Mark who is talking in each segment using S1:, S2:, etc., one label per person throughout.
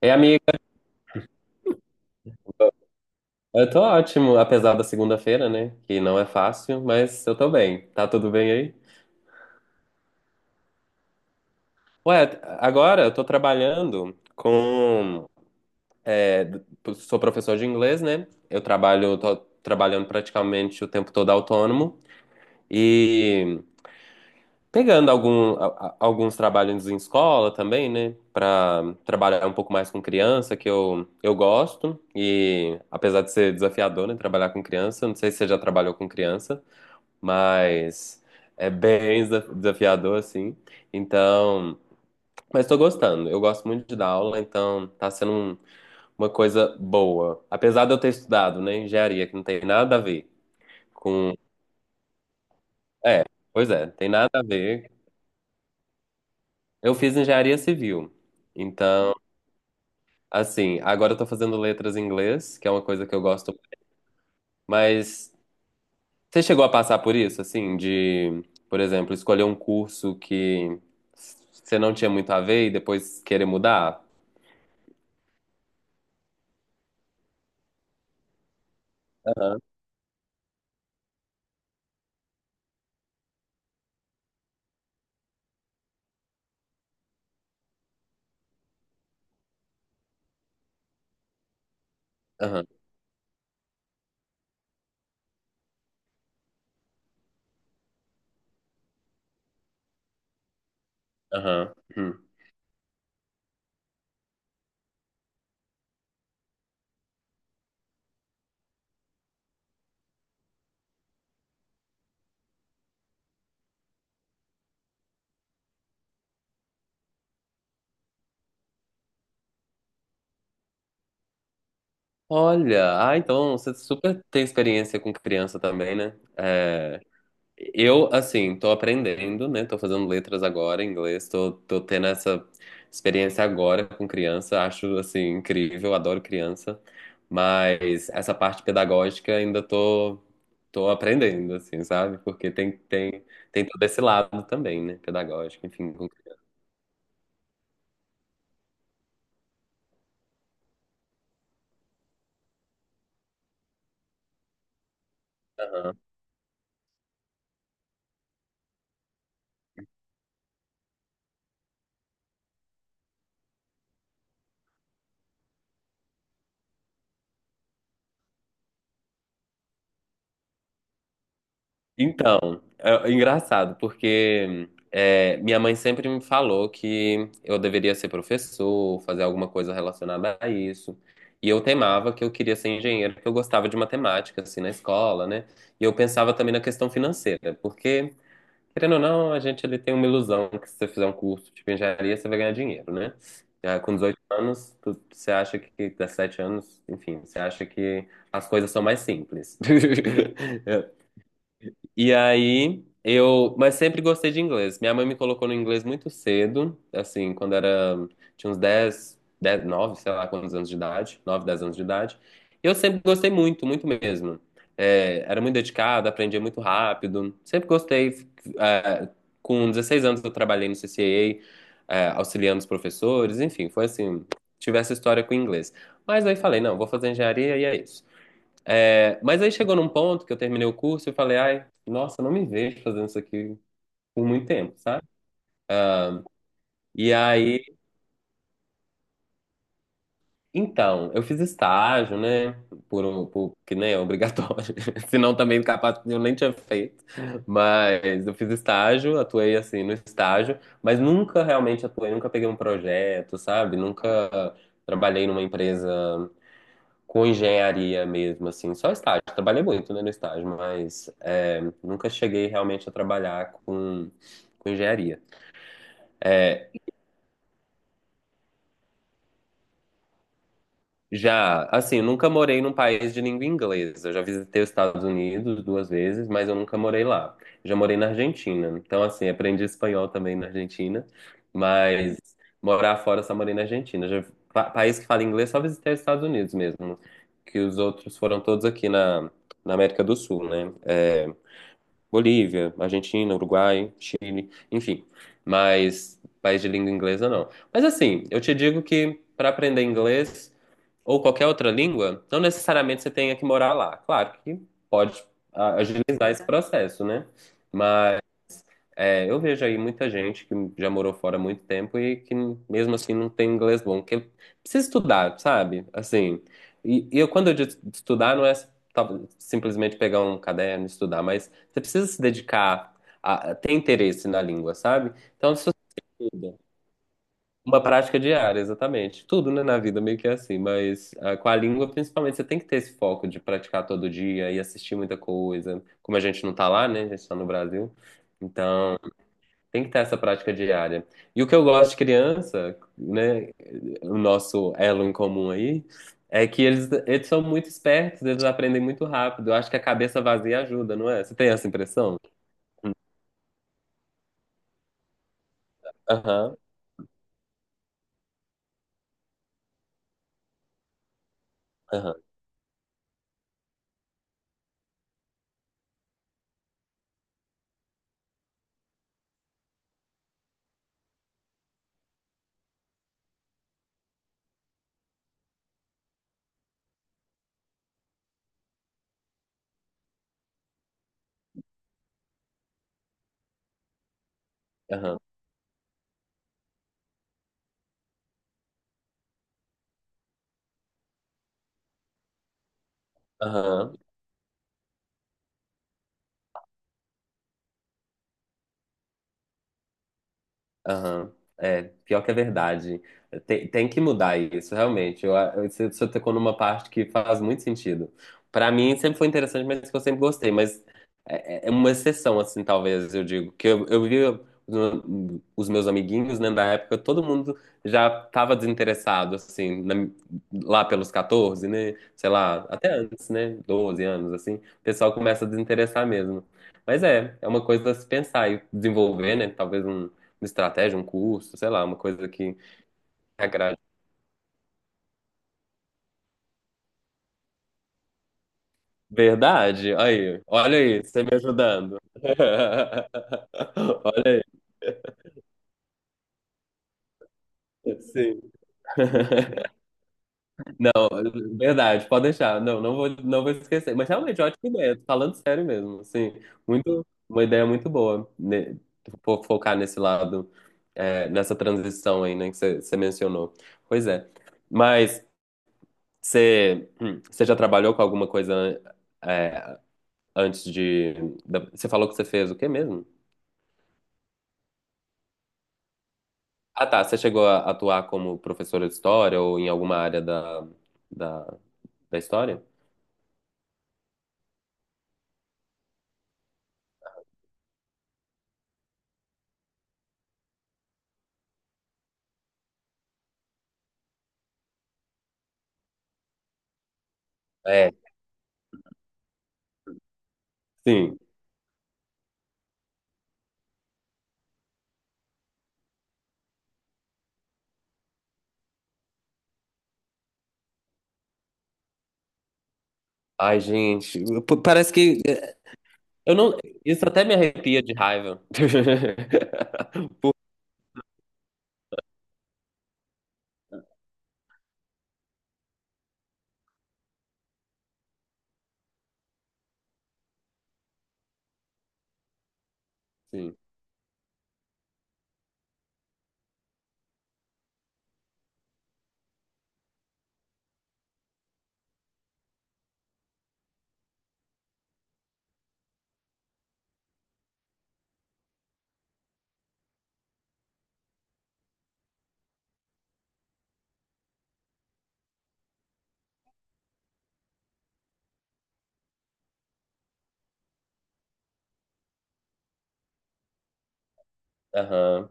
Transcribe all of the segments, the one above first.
S1: Ei, amiga, eu tô ótimo, apesar da segunda-feira, né? Que não é fácil, mas eu tô bem. Tá tudo bem aí? Ué, agora eu tô trabalhando com. é, sou professor de inglês, né? Eu trabalho, tô trabalhando praticamente o tempo todo autônomo e pegando alguns trabalhos em escola também, né? Pra trabalhar um pouco mais com criança, que eu gosto. E apesar de ser desafiador, né? Trabalhar com criança, não sei se você já trabalhou com criança. Mas é bem desafiador, assim. Então, mas tô gostando. Eu gosto muito de dar aula, então tá sendo uma coisa boa. Apesar de eu ter estudado, né, engenharia, que não tem nada a ver com. É, pois é, tem nada a ver. Eu fiz engenharia civil. Então, assim, agora eu tô fazendo letras em inglês, que é uma coisa que eu gosto, mas. Você chegou a passar por isso, assim, de, por exemplo, escolher um curso que você não tinha muito a ver e depois querer mudar? Aham, aham, aham. Hum. Olha, ah, então você super tem experiência com criança também, né? Eu, assim, tô aprendendo, né? Tô fazendo letras agora em inglês, tô tendo essa experiência agora com criança, acho, assim, incrível, adoro criança, mas essa parte pedagógica ainda tô aprendendo, assim, sabe? Porque tem todo esse lado também, né? Pedagógico, enfim, com criança. Então, é engraçado, porque minha mãe sempre me falou que eu deveria ser professor, fazer alguma coisa relacionada a isso. E eu temava que eu queria ser engenheiro, porque eu gostava de matemática, assim, na escola, né? E eu pensava também na questão financeira, porque, querendo ou não, a gente ele tem uma ilusão que se você fizer um curso de engenharia, você vai ganhar dinheiro, né? Já com 18 anos, você acha que, 17 anos, enfim, você acha que as coisas são mais simples. E aí mas sempre gostei de inglês. Minha mãe me colocou no inglês muito cedo, assim, quando era, tinha uns 10 10, 9, sei lá quantos anos de idade, 9 10 anos de idade. E eu sempre gostei muito, muito mesmo. É, era muito dedicado, aprendia muito rápido. Sempre gostei. É, com 16 anos eu trabalhei no CCA, auxiliando os professores, enfim, foi assim, tive essa história com o inglês. Mas aí falei, não, vou fazer engenharia e é isso. É, mas aí chegou num ponto que eu terminei o curso e falei, ai, nossa, não me vejo fazendo isso aqui por muito tempo, sabe? E aí, então, eu fiz estágio, né? Por que nem é obrigatório, senão também capaz eu nem tinha feito. Mas eu fiz estágio, atuei assim no estágio, mas nunca realmente atuei, nunca peguei um projeto, sabe? Nunca trabalhei numa empresa com engenharia mesmo, assim, só estágio. Trabalhei muito, né, no estágio, mas é, nunca cheguei realmente a trabalhar com engenharia. Já, assim, nunca morei num país de língua inglesa. Eu já visitei os Estados Unidos duas vezes, mas eu nunca morei lá. Já morei na Argentina. Então, assim, aprendi espanhol também na Argentina, mas morar fora eu só morei na Argentina. Já, país que fala inglês, só visitei os Estados Unidos mesmo, que os outros foram todos aqui na América do Sul, né? É, Bolívia, Argentina, Uruguai, Chile, enfim. Mas país de língua inglesa não. Mas assim, eu te digo que para aprender inglês ou qualquer outra língua, não necessariamente você tenha que morar lá. Claro que pode agilizar esse processo, né? É, eu vejo aí muita gente que já morou fora há muito tempo e que mesmo assim não tem inglês bom, que precisa estudar, sabe? Assim, e eu, quando eu digo estudar, não é tá, simplesmente pegar um caderno e estudar, mas você precisa se dedicar a ter interesse na língua, sabe? Então, se você uma prática diária, exatamente. Tudo, né, na vida meio que é assim, mas com a língua, principalmente, você tem que ter esse foco de praticar todo dia e assistir muita coisa, como a gente não tá lá, né? A gente tá no Brasil. Então tem que ter essa prática diária. E o que eu gosto de criança, né, o nosso elo em comum aí, é que eles são muito espertos, eles aprendem muito rápido. Eu acho que a cabeça vazia ajuda, não é? Você tem essa impressão? Aham, aham, aham, aham. Aham. É, pior que é verdade. Tem, tem que mudar isso, realmente. Eu, você você tocou numa parte que faz muito sentido. Pra mim, sempre foi interessante, mas que eu sempre gostei. Mas é uma exceção, assim, talvez, eu digo. Que eu vi os meus amiguinhos, né, da época, todo mundo já tava desinteressado, assim, lá pelos 14, né? Sei lá, até antes, né? Doze anos, assim. O pessoal começa a desinteressar mesmo. Mas é uma coisa a se pensar e desenvolver, né? Talvez estratégia, um curso, sei lá, uma coisa que agrade. Verdade? Aí, olha aí, você me ajudando. Olha aí. Sim. Não, verdade, pode deixar. Não, não vou, não vou esquecer. Mas realmente, ótima ideia. Tô falando sério mesmo, assim, muito, uma ideia muito boa, né, focar nesse lado, nessa transição aí, né, que você mencionou. Pois é. Mas você já trabalhou com alguma coisa, é, antes de. Você falou que você fez o quê mesmo? Ah, tá. Você chegou a atuar como professora de história ou em alguma área da, da história? É, sim. Ai, gente, parece que eu não. Isso até me arrepia de raiva. Por- Sim. Aham.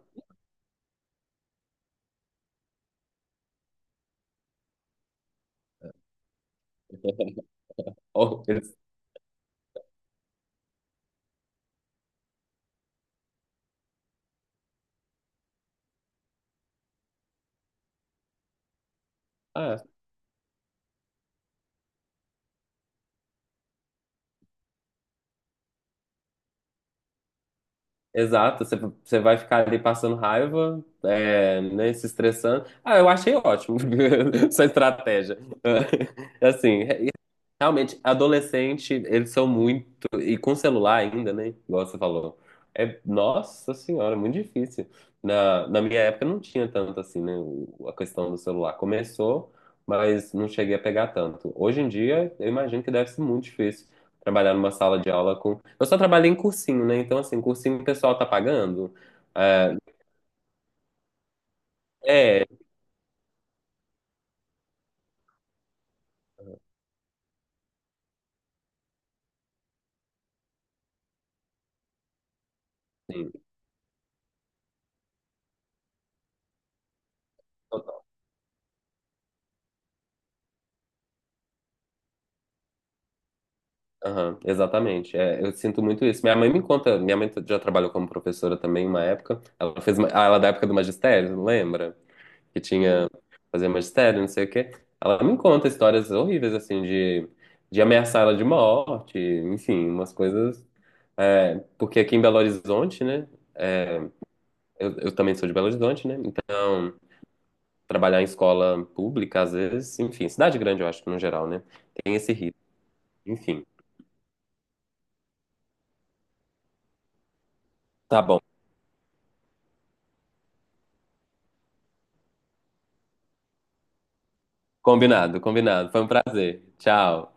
S1: Oh, ah, exato. Você vai ficar ali passando raiva, é, né, se estressando. Ah, eu achei ótimo essa estratégia. Assim, realmente, adolescente, eles são muito. E com celular ainda, né? Igual você falou. É, nossa senhora, é muito difícil. Na minha época não tinha tanto assim, né? A questão do celular. Começou, mas não cheguei a pegar tanto. Hoje em dia, eu imagino que deve ser muito difícil trabalhar numa sala de aula com. Eu só trabalhei em cursinho, né? Então, assim, cursinho o pessoal tá pagando. É, é, assim, aham, exatamente. É, eu sinto muito isso. Minha mãe me conta, minha mãe já trabalhou como professora também uma época. Ela fez, ela é da época do magistério, não lembra? Que tinha fazer magistério, não sei o quê. Ela me conta histórias horríveis assim de ameaçar ela de morte, enfim, umas coisas. É, porque aqui em Belo Horizonte, né? Eu também sou de Belo Horizonte, né? Então trabalhar em escola pública às vezes, enfim, cidade grande eu acho que no geral, né? Tem esse risco. Enfim, tá bom. Combinado, combinado. Foi um prazer. Tchau.